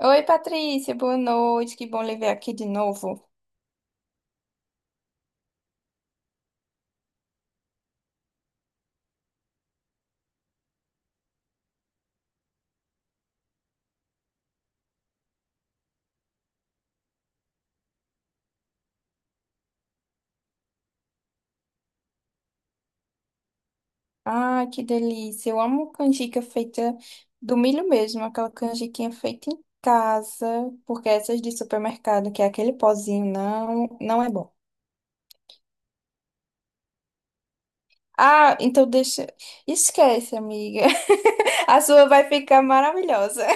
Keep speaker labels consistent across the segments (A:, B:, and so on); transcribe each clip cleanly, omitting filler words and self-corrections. A: Oi, Patrícia, boa noite. Que bom lhe ver aqui de novo. Ai, que delícia. Eu amo canjica feita do milho mesmo, aquela canjiquinha feita em casa, porque essas de supermercado, que é aquele pozinho, não é bom. Ah, então deixa. Esquece, amiga. A sua vai ficar maravilhosa.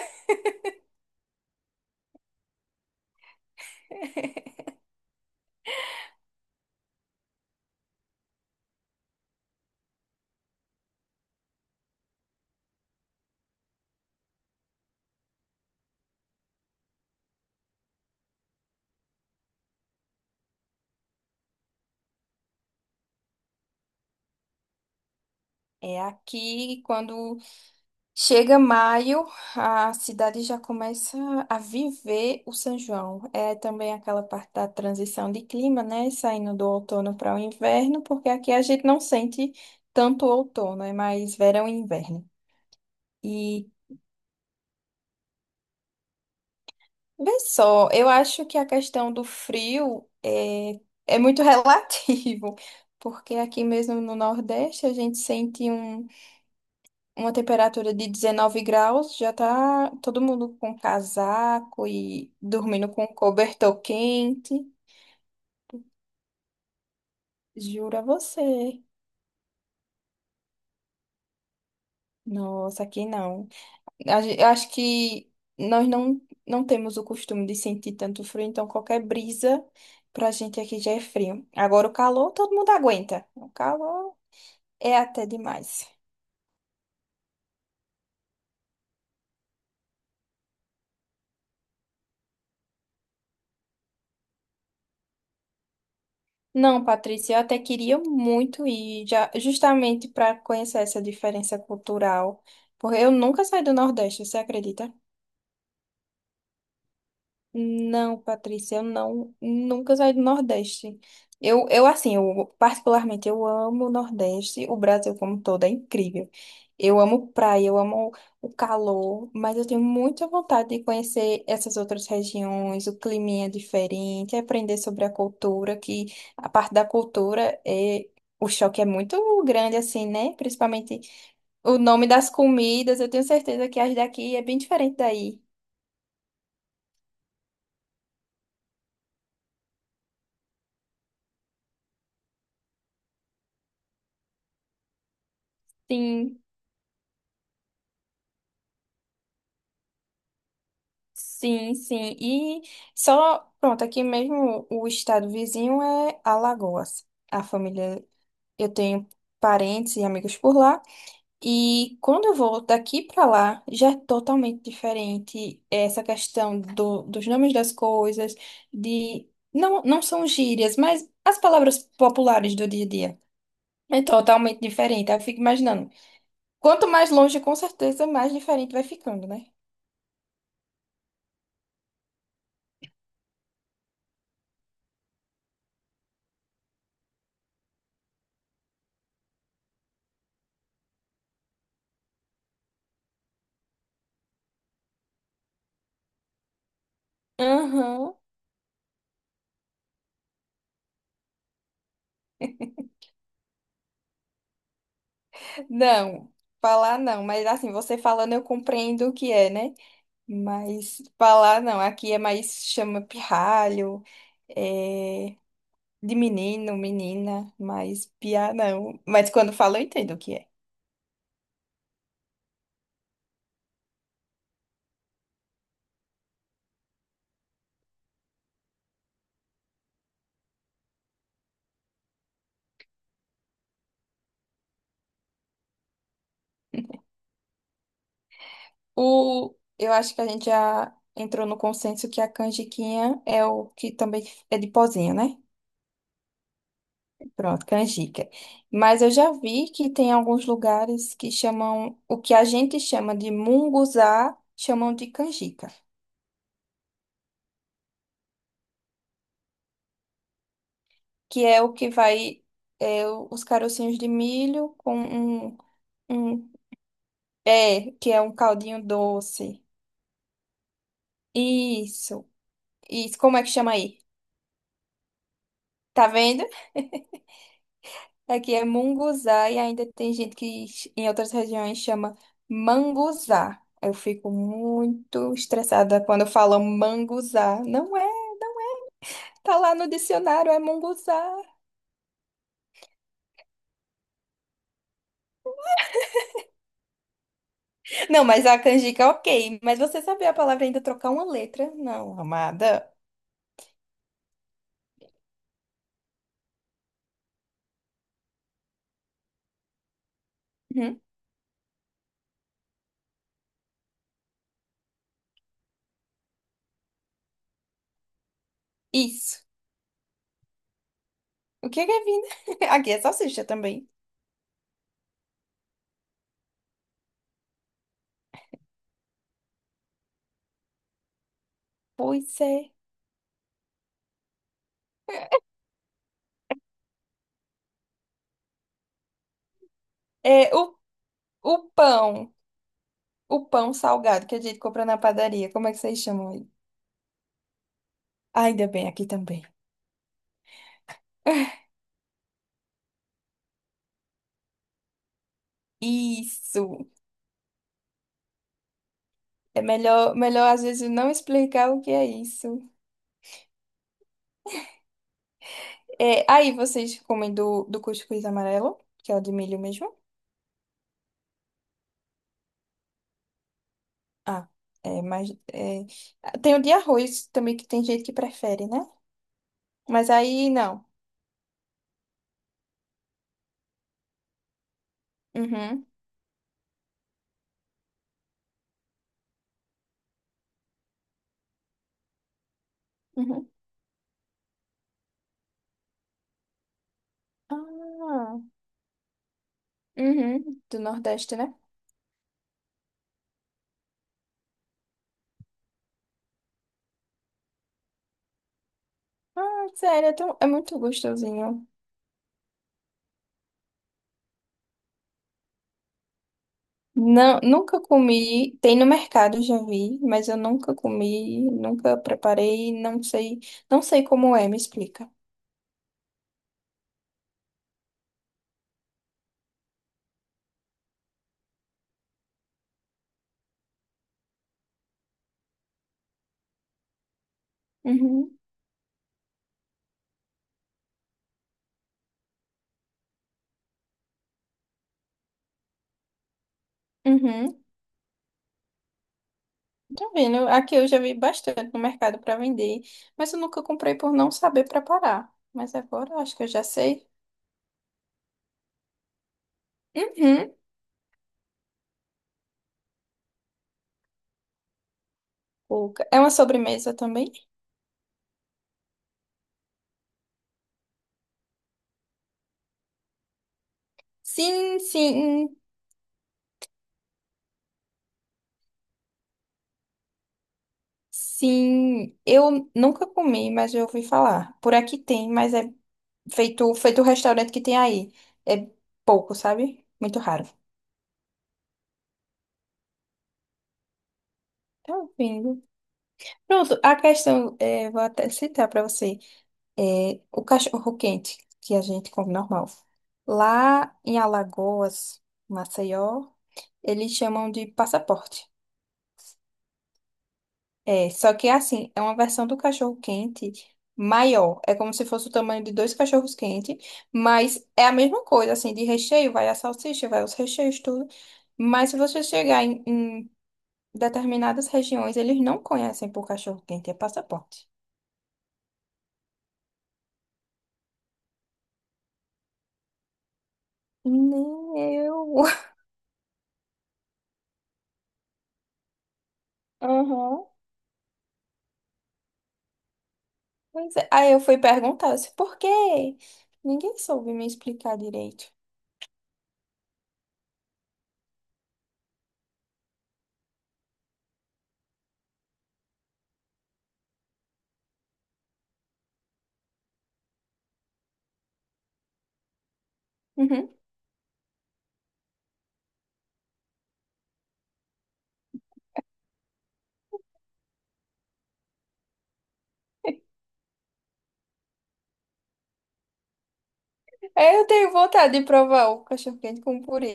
A: É aqui, quando Chega maio, a cidade já começa a viver o São João. É também aquela parte da transição de clima, né? Saindo do outono para o inverno, porque aqui a gente não sente tanto outono, é mais verão e inverno. E vê só, eu acho que a questão do frio é, é muito relativo, porque aqui mesmo no Nordeste a gente sente um Uma temperatura de 19 graus, já tá todo mundo com casaco e dormindo com cobertor quente. Jura você. Nossa, aqui não. Eu acho que nós não, não temos o costume de sentir tanto frio, então qualquer brisa pra gente aqui já é frio. Agora o calor, todo mundo aguenta. O calor é até demais. Não, Patrícia, eu até queria muito ir, já, justamente para conhecer essa diferença cultural, porque eu nunca saí do Nordeste, você acredita? Não, Patrícia, eu não, nunca saí do Nordeste. Eu assim, eu particularmente eu amo o Nordeste, o Brasil como todo é incrível. Eu amo praia, eu amo o calor, mas eu tenho muita vontade de conhecer essas outras regiões, o clima é diferente, aprender sobre a cultura, que a parte da cultura, o choque é muito grande assim, né? Principalmente o nome das comidas, eu tenho certeza que as daqui é bem diferente daí. Sim. Sim, sim. E só, pronto, aqui mesmo o estado vizinho é Alagoas. A família, eu tenho parentes e amigos por lá. E quando eu vou daqui para lá, já é totalmente diferente essa questão dos nomes das coisas, de não, não são gírias, mas as palavras populares do dia a dia. É totalmente diferente. Aí eu fico imaginando. Quanto mais longe, com certeza, mais diferente vai ficando, né? Aham. Não, falar não, mas assim, você falando eu compreendo o que é, né? Mas falar não, aqui é mais chama pirralho, é de menino, menina, mas piá não. Mas quando fala eu entendo o que é. O, eu acho que a gente já entrou no consenso que a canjiquinha é o que também é de pozinho, né? Pronto, canjica. Mas eu já vi que tem alguns lugares que chamam, o que a gente chama de munguzá, chamam de canjica. Que é o que vai é, os carocinhos de milho com um é, que é um caldinho doce. Isso. Isso, como é que chama aí? Tá vendo? Aqui é munguzá e ainda tem gente que em outras regiões chama manguzá. Eu fico muito estressada quando falam manguzá. Não é, tá lá no dicionário, é munguzá. Não, mas a canjica, ok. Mas você sabia a palavra e ainda trocar uma letra? Não, amada. Uhum. Isso. O que é vida? Aqui é salsicha também. Pois é. É o, o pão. O pão salgado que a gente compra na padaria. Como é que vocês chamam aí? Ah, ainda bem, aqui também. Isso. É melhor, melhor às vezes não explicar o que é isso. É, aí vocês comem do cuscuz amarelo, que é o de milho mesmo. Ah, é, tem o de arroz também que tem gente que prefere, né? Mas aí não. Uhum, uhum. Ah, uhum. Do Nordeste, né? Ah, sério, é, é muito gostosinho. Não, nunca comi, tem no mercado, já vi, mas eu nunca comi, nunca preparei, não sei, não sei como é, me explica. Uhum, uhum. Tá vendo? Aqui eu já vi bastante no mercado para vender, mas eu nunca comprei por não saber preparar. Mas agora eu acho que eu já sei. Uhum. Cuca. É uma sobremesa também? Sim, sim, sim. Eu nunca comi, mas eu ouvi falar. Por aqui tem, mas é feito o restaurante que tem aí. É pouco, sabe? Muito raro. Tá ouvindo? Pronto, a questão, é, vou até citar para você, é, o cachorro quente, que a gente come normal. Lá em Alagoas, Maceió, eles chamam de passaporte. É, só que é assim, é uma versão do cachorro quente maior. É como se fosse o tamanho de dois cachorros quentes, mas é a mesma coisa, assim, de recheio, vai a salsicha, vai os recheios, tudo. Mas se você chegar em Determinadas regiões eles não conhecem por cachorro-quente, é passaporte. Nem eu. Aham. Pois é. Aí eu fui perguntar, eu disse, por quê? Ninguém soube me explicar direito. Uhum. Aí eu tenho vontade de provar o cachorro-quente com purê.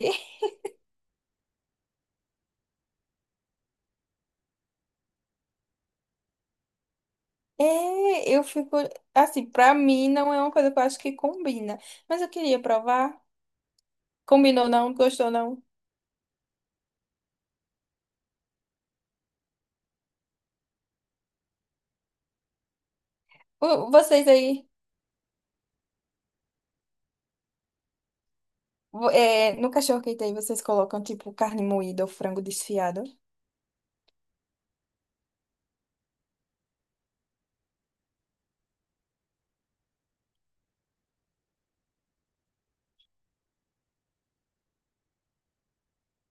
A: É, eu fico. Assim, pra mim não é uma coisa que eu acho que combina. Mas eu queria provar. Combinou não? Gostou não? Vocês aí, é, no cachorro-quente aí, vocês colocam tipo carne moída ou frango desfiado?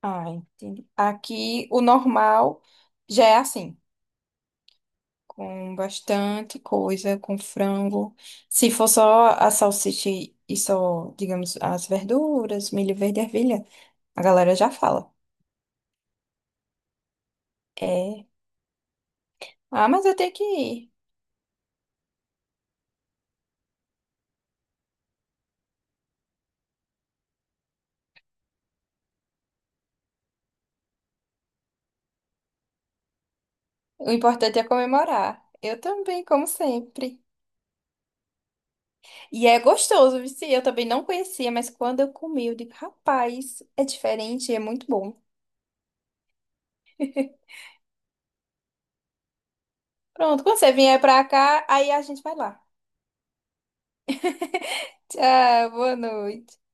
A: Ah, entendi. Aqui o normal já é assim, com bastante coisa, com frango. Se for só a salsicha e só, digamos, as verduras, milho verde e ervilha, a galera já fala. É. Ah, mas eu tenho que ir. O importante é comemorar. Eu também, como sempre. E é gostoso, viu? Sim, eu também não conhecia, mas quando eu comi, eu digo, rapaz, é diferente, e é muito bom. Pronto, quando você vier pra cá, aí a gente vai lá. Tchau, boa noite.